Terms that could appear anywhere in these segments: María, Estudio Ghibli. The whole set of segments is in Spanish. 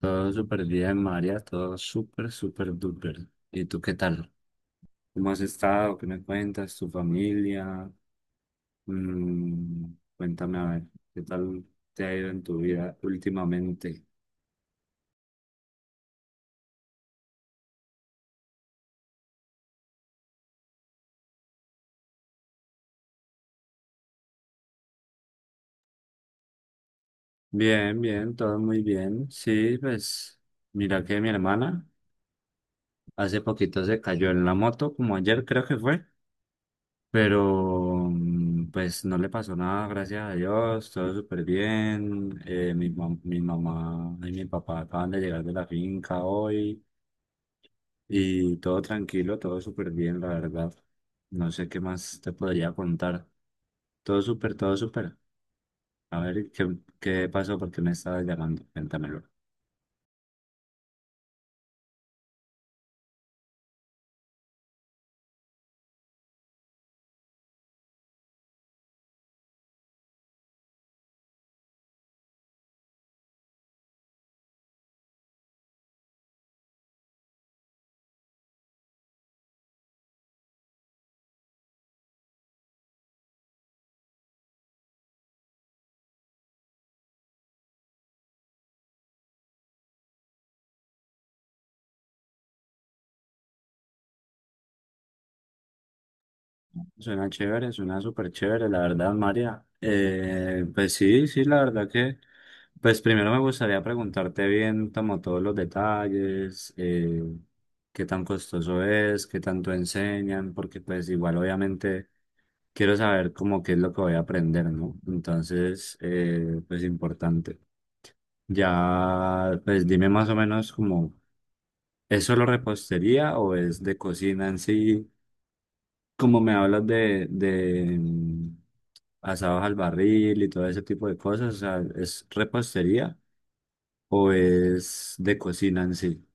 Todo súper bien, María, todo súper, súper duper. ¿Y tú qué tal? ¿Cómo has estado? ¿Qué me cuentas? ¿Tu familia? Mm, cuéntame a ver, ¿qué tal te ha ido en tu vida últimamente? Bien, bien, todo muy bien. Sí, pues mira que mi hermana hace poquito se cayó en la moto, como ayer creo que fue. Pero pues no le pasó nada, gracias a Dios, todo súper bien. Mi mamá y mi papá acaban de llegar de la finca hoy y todo tranquilo, todo súper bien, la verdad. No sé qué más te podría contar. Todo súper, todo súper. A ver, qué pasó? ¿Por qué me estabas llamando? Cuéntamelo. Suena chévere, suena súper chévere, la verdad, María. Pues sí, sí, la verdad pues primero me gustaría preguntarte bien como todos los detalles, qué tan costoso es, qué tanto enseñan, porque pues igual obviamente quiero saber como qué es lo que voy a aprender, ¿no? Entonces, pues importante. Ya, pues dime más o menos como, ¿es solo repostería o es de cocina en sí? Como me hablas de asados al barril y todo ese tipo de cosas, o sea, ¿es repostería o es de cocina en sí?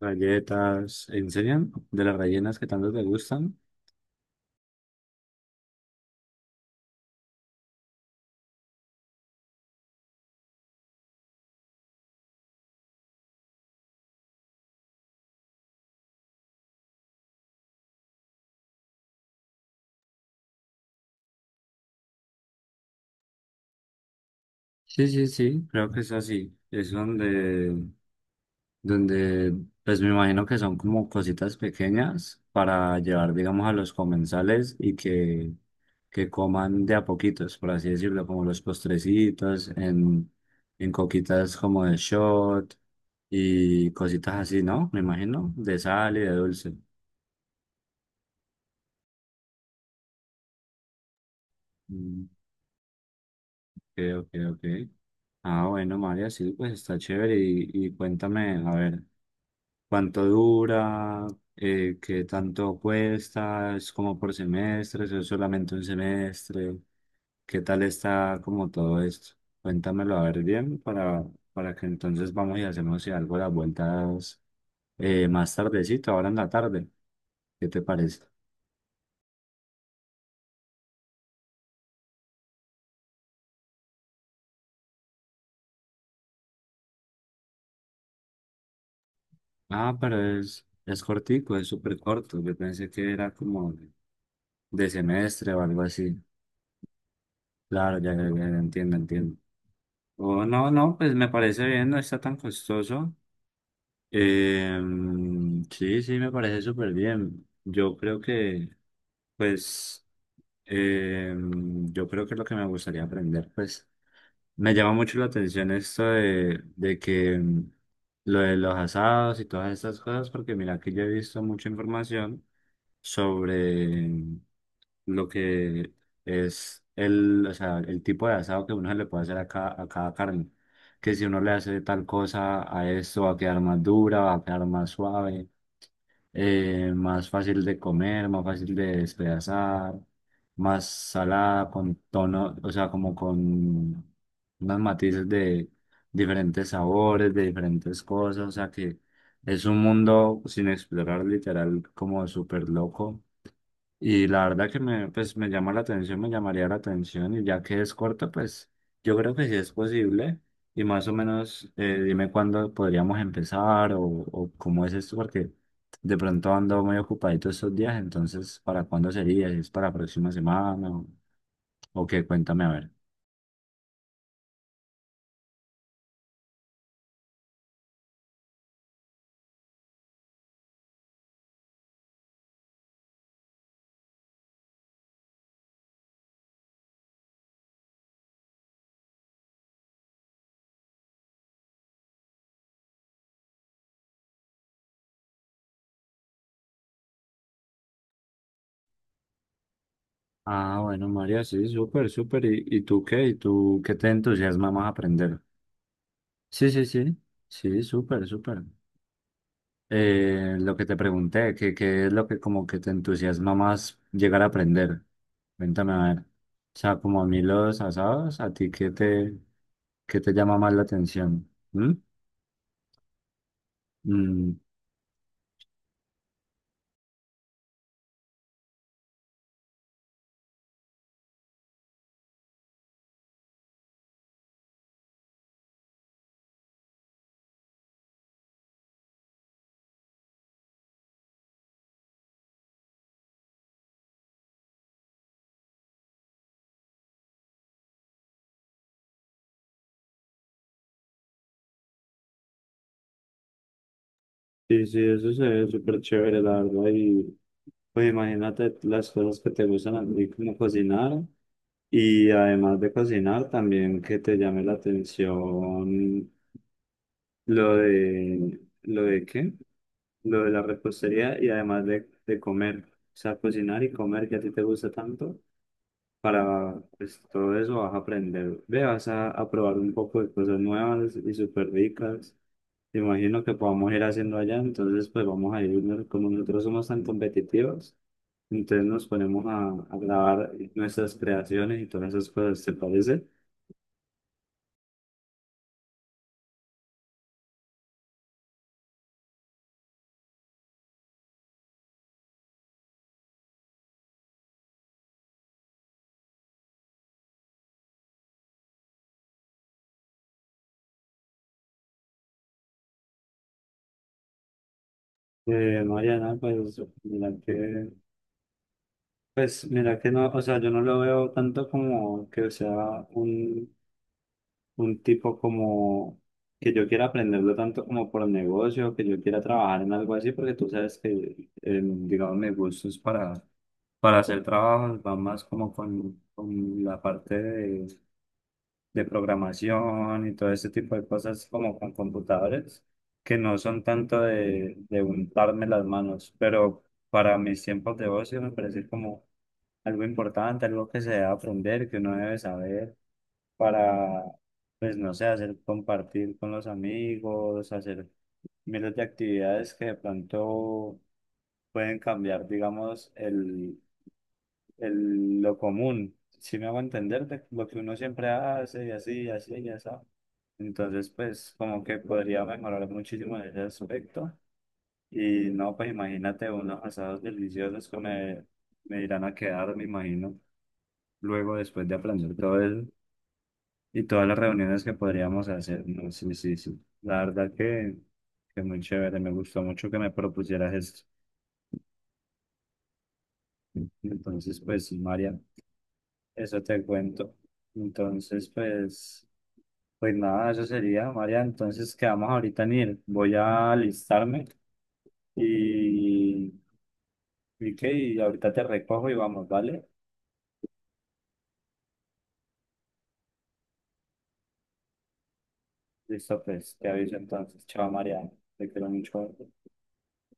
Galletas, ¿enseñan de las rellenas que tanto te gustan? Sí, sí, sí, creo que es así. Es donde pues me imagino que son como cositas pequeñas para llevar, digamos, a los comensales y que coman de a poquitos, por así decirlo, como los postrecitos, en coquitas como de shot y cositas así, ¿no? Me imagino, de sal y de dulce. Mm, Ok, ok, ok. Ah, bueno, María, sí, pues está chévere y cuéntame, a ver, cuánto dura, qué tanto cuesta, es como por semestres, es solamente un semestre, qué tal está como todo esto. Cuéntamelo a ver bien para que entonces vamos y hacemos si algo las vueltas más tardecito, ahora en la tarde. ¿Qué te parece? Ah, pero es cortico, es súper corto. Yo pensé que era como de semestre o algo así. Claro, ya, ya, ya, entiendo, entiendo. Oh, no, no, pues me parece bien, no está tan costoso. Eh, sí, sí, me parece súper bien. Yo creo que, pues, eh, yo creo que lo que me gustaría aprender, pues, me llama mucho la atención esto de que lo de los asados y todas estas cosas, porque mira que yo he visto mucha información sobre lo que es o sea, el tipo de asado que uno se le puede hacer a a cada carne, que si uno le hace tal cosa a esto va a quedar más dura, va a quedar más suave, más fácil de comer, más fácil de despedazar, más salada, con tono, o sea, como con unos matices de diferentes sabores, de diferentes cosas, o sea que es un mundo sin explorar, literal, como súper loco, y la verdad que pues, me llama la atención, me llamaría la atención, y ya que es corto, pues yo creo que sí es posible. Y más o menos, dime cuándo podríamos empezar o cómo es esto, porque de pronto ando muy ocupadito estos días, entonces ¿para cuándo sería? ¿Si ¿Es para la próxima semana o qué? Cuéntame a ver. Ah, bueno, María, sí, súper, súper. Y tú qué? ¿Y tú qué te entusiasma más aprender? Sí, sí, sí, sí, súper, súper. Eh, lo que te pregunté, que es lo que como que te entusiasma más llegar a aprender. Cuéntame a ver. O sea, como a mí los asados, ¿a ti qué qué te llama más la atención? ¿Mm? Mm. Sí, sí, eso se ve súper chévere, la verdad. Y pues imagínate las cosas que te gustan a ti, como cocinar. Y además de cocinar, también que te llame la atención ¿lo de qué? Lo de la repostería y además de comer, o sea, cocinar y comer que a ti te gusta tanto, para pues, todo eso vas a aprender, ve, vas a probar un poco de cosas nuevas y súper ricas. Te imagino que podamos ir haciendo allá, entonces pues vamos a ir, ¿no? Como nosotros somos tan competitivos, entonces nos ponemos a grabar nuestras creaciones y todas esas cosas, ¿te parece? Mariana, pues mira pues mira que no, o sea, yo no lo veo tanto como que sea un tipo como que yo quiera aprenderlo tanto como por negocio, que yo quiera trabajar en algo así, porque tú sabes que, digamos, mis gustos para hacer trabajos va más como con la parte de programación y todo ese tipo de cosas como con computadores, que no son tanto de untarme las manos, pero para mis tiempos de ocio me parece como algo importante, algo que se debe aprender, que uno debe saber para, pues no sé, hacer compartir con los amigos, hacer miles de actividades que de pronto pueden cambiar, digamos, lo común. Si me hago entender de lo que uno siempre hace y así, y así, y así. Entonces, pues como que podría mejorar muchísimo en ese aspecto. Y no, pues imagínate unos asados deliciosos que me irán a quedar, me imagino, luego después de aprender todo eso. Y todas las reuniones que podríamos hacer, ¿no? Sí, sí, sí. La verdad que muy chévere, me gustó mucho que me propusieras esto. Entonces, pues sí, María, eso te cuento. Entonces, pues, pues nada, eso sería, María. Entonces, quedamos ahorita en ir. Voy a alistarme y, y qué, y ahorita te recojo y vamos, ¿vale? Listo, pues, te aviso entonces. Chao, María. Te quiero mucho.